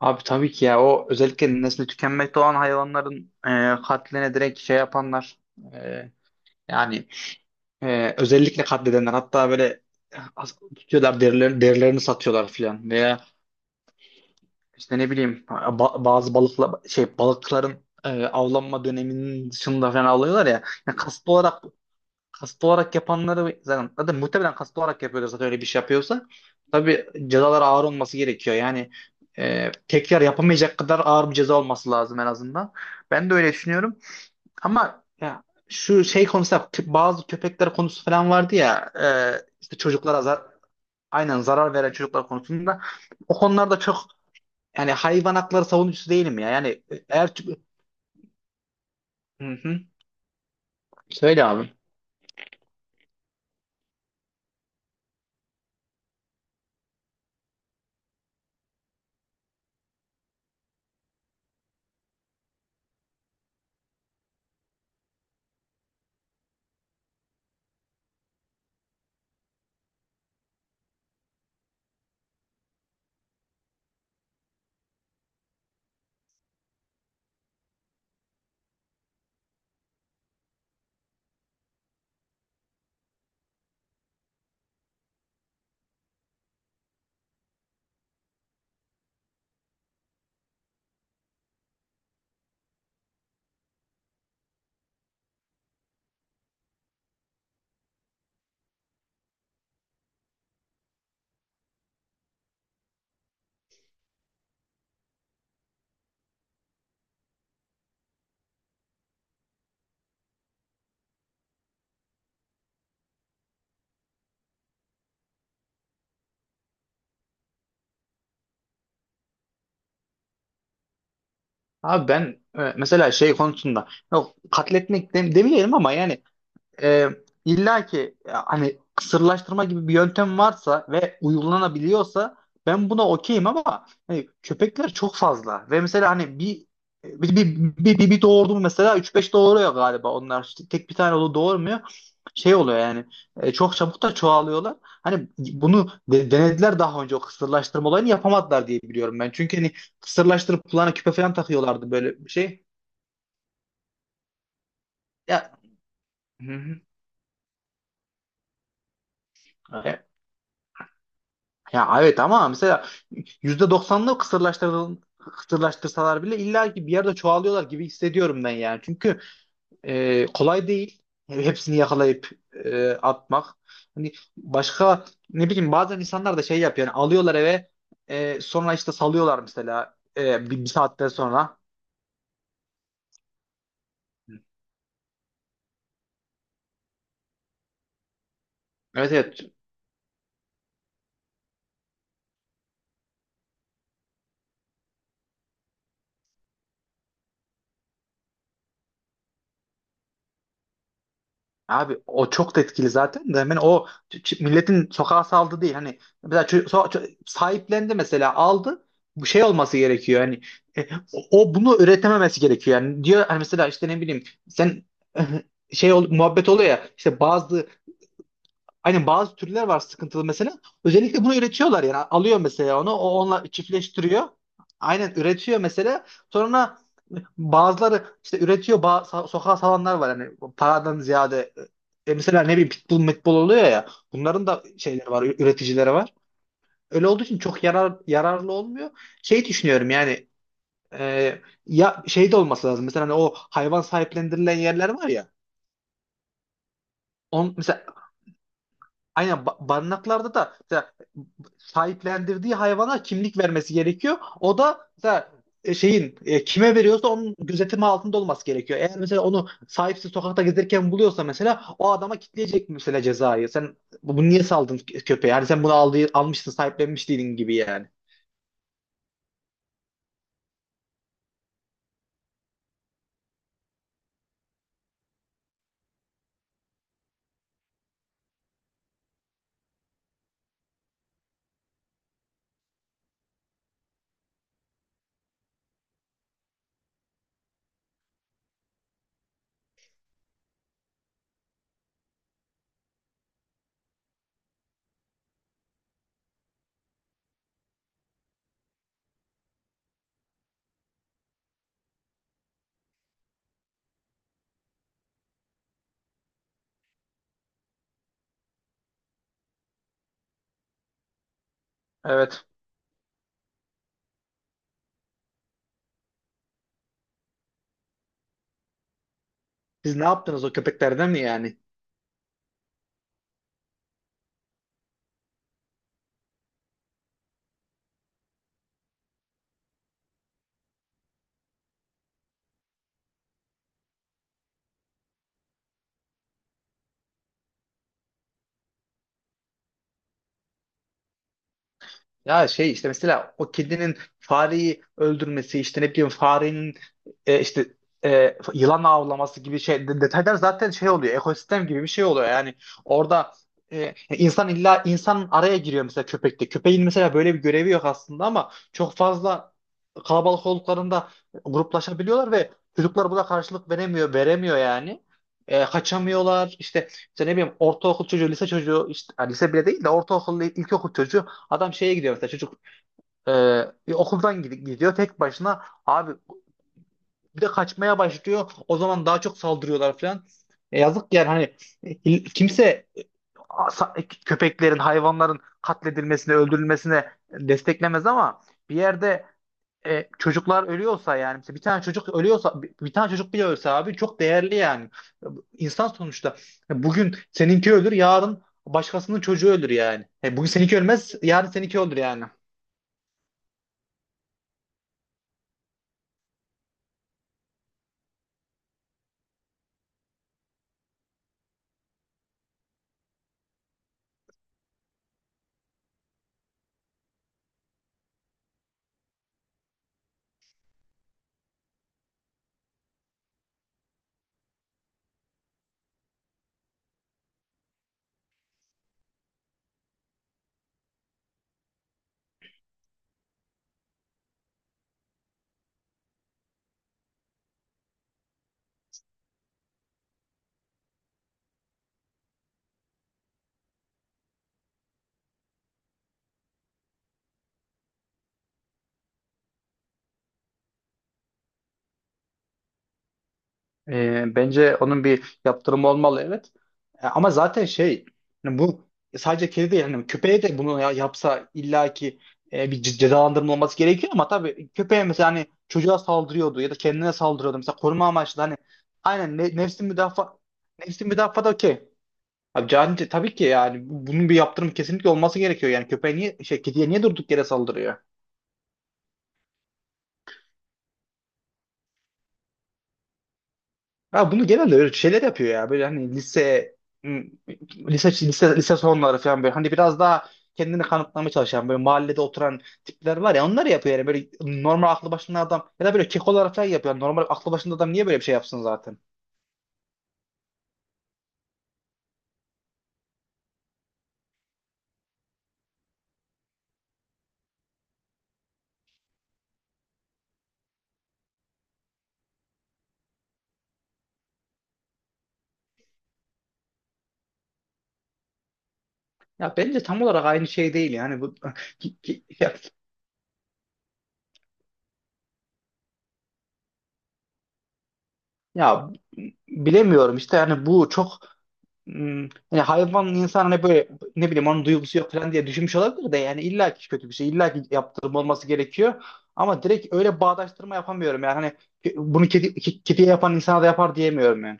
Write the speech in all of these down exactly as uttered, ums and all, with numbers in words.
Abi tabii ki ya o özellikle nesli tükenmekte olan hayvanların e, katline direkt şey yapanlar e, yani e, özellikle katledenler, hatta böyle as- tutuyorlar derilerini, derilerini satıyorlar filan veya işte ne bileyim ba- bazı balıkla şey balıkların e, avlanma döneminin dışında falan alıyorlar ya, yani kasıtlı olarak. Kasıtlı olarak yapanları zaten, zaten muhtemelen kasıtlı olarak yapıyordur zaten öyle bir şey yapıyorsa. Tabii cezalar ağır olması gerekiyor. Yani e, tekrar yapamayacak kadar ağır bir ceza olması lazım en azından. Ben de öyle düşünüyorum. Ama ya, şu şey konusu kö- bazı köpekler konusu falan vardı ya, e, işte çocuklara zar aynen zarar veren çocuklar konusunda, o konularda çok, yani hayvan hakları savunucusu değilim ya. Yani e, eğer hı hı. Söyle abi. Abi ben e, mesela şey konusunda yok, katletmek dem- demeyelim ama yani e, illa ki e, hani kısırlaştırma gibi bir yöntem varsa ve uygulanabiliyorsa ben buna okeyim. Ama hani köpekler çok fazla ve mesela hani bir bir, bir, bir, bir doğurdu mu mesela üç beş doğuruyor galiba onlar. İşte tek bir tane oğlu doğurmuyor, şey oluyor yani, e, çok çabuk da çoğalıyorlar. Hani bunu de- denediler daha önce, o kısırlaştırma olayını yapamadılar diye biliyorum ben. Çünkü hani kısırlaştırıp kulağına küpe falan takıyorlardı, böyle bir şey. Ya, hı hı. E, ya evet ama mesela yüzde doksanlı kısırlaştırıl kısırlaştırsalar bile illa ki bir yerde çoğalıyorlar gibi hissediyorum ben yani. Çünkü e, kolay değil. Hepsini yakalayıp e, atmak. Hani başka ne bileyim bazen insanlar da şey yapıyor. Yani alıyorlar eve, e, sonra işte salıyorlar mesela e, bir, bir saatten sonra. Evet, evet. Abi o çok da etkili zaten, de hemen o ç- ç- milletin sokağa saldı değil. Hani mesela ço- so- ço- sahiplendi mesela, aldı. Bu şey olması gerekiyor. Hani e, o, o bunu üretememesi gerekiyor. Yani diyor hani mesela işte ne bileyim sen şey ol, muhabbet oluyor ya işte bazı aynen bazı türler var sıkıntılı mesela. Özellikle bunu üretiyorlar yani. Alıyor mesela onu. O onunla çiftleştiriyor. Aynen, üretiyor mesela. Sonra bazıları işte üretiyor. Ba so- sokağa salanlar var yani. Paradan ziyade e, e, mesela ne bileyim pitbull metbol oluyor ya. Bunların da şeyleri var. Ü- Üreticileri var. Öyle olduğu için çok yarar, yararlı olmuyor. Şey düşünüyorum yani e, ya şey de olması lazım. Mesela hani o hayvan sahiplendirilen yerler var ya. On, mesela aynen ba- barınaklarda da mesela sahiplendirdiği hayvana kimlik vermesi gerekiyor. O da mesela e, şeyin e, kime veriyorsa onun gözetimi altında olması gerekiyor. Eğer mesela onu sahipsiz sokakta gezerken buluyorsa mesela o adama kitleyecek mesela cezayı. Sen bu- bunu niye saldın kö- köpeğe? Yani sen bunu aldı, almıştın, sahiplenmiş değilin gibi yani. Evet. Siz ne yaptınız o köpeklerden mi yani? Ya şey işte mesela o kedinin fareyi öldürmesi, işte ne bileyim farenin e, işte e, yılan avlaması gibi şey de- detaylar zaten şey oluyor, ekosistem gibi bir şey oluyor yani orada. e, insan illa insan araya giriyor mesela. Köpekte, köpeğin mesela böyle bir görevi yok aslında, ama çok fazla kalabalık olduklarında gruplaşabiliyorlar ve çocuklar buna karşılık veremiyor veremiyor yani. E, kaçamıyorlar işte, işte ne bileyim ortaokul çocuğu, lise çocuğu, işte ha, lise bile değil de ortaokul, ilkokul çocuğu. Adam şeye gidiyor mesela, çocuk e, okuldan gid- gidiyor tek başına. Abi bir de kaçmaya başlıyor. O zaman daha çok saldırıyorlar falan. E, yazık yani hani e, kimse a, sa- e, köpeklerin, hayvanların katledilmesine, öldürülmesine desteklemez, ama bir yerde e, çocuklar ölüyorsa, yani mesela bir tane çocuk ölüyorsa, bir, bir tane çocuk bile ölse abi çok değerli yani. İnsan sonuçta. E, bugün seninki ölür, yarın başkasının çocuğu ölür yani. E, bugün seninki ölmez, yarın seninki ölür yani. E, bence onun bir yaptırımı olmalı, evet. E, ama zaten şey, yani bu sadece kedi değil, yani köpeğe de bunu ya- yapsa illaki e, bir ce- cezalandırma olması gerekiyor. Ama tabii köpeğe mesela hani çocuğa saldırıyordu ya da kendine saldırıyordu mesela, koruma amaçlı hani, aynen, ne, nefsi müdafaa, nefsi müdafaa da okey. Abi can, tabii ki yani bu- bunun bir yaptırım kesinlikle olması gerekiyor. Yani köpeğe niye şey, kediye niye durduk yere saldırıyor? Ya bunu genelde böyle şeyler yapıyor ya. Böyle hani lise m- lise lise lise sonları falan, böyle hani biraz daha kendini kanıtlamaya çalışan, böyle mahallede oturan tipler var ya, onlar yapıyor yani. Böyle normal aklı başında adam ya da böyle kekolar falan yapıyor. Yani normal aklı başında adam niye böyle bir şey yapsın zaten? Ya bence tam olarak aynı şey değil yani bu. Ya, ya bilemiyorum işte yani bu çok, hmm, yani hayvan insan, hani böyle ne bileyim onun duygusu yok falan diye düşünmüş olabilir de. Yani illa ki kötü bir şey, illa ki yaptırım olması gerekiyor ama direkt öyle bağdaştırma yapamıyorum yani. Hani ke- bunu kedi, ke- kediye yapan insana da yapar diyemiyorum yani.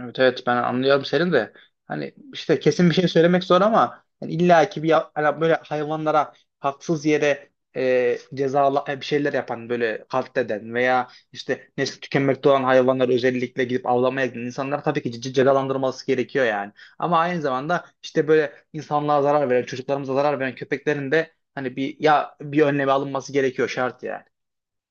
Evet, evet, ben anlıyorum senin de. Hani işte kesin bir şey söylemek zor ama yani illa ki bir ya- hani böyle hayvanlara haksız yere e, cezalı e, bir şeyler yapan, böyle katleden veya işte nesli tükenmekte olan hayvanları özellikle gidip avlamaya giden insanlar tabii ki ce- cezalandırılması gerekiyor yani. Ama aynı zamanda işte böyle insanlığa zarar veren, çocuklarımıza zarar veren köpeklerin de hani bir, ya bir önlemi alınması gerekiyor, şart yani.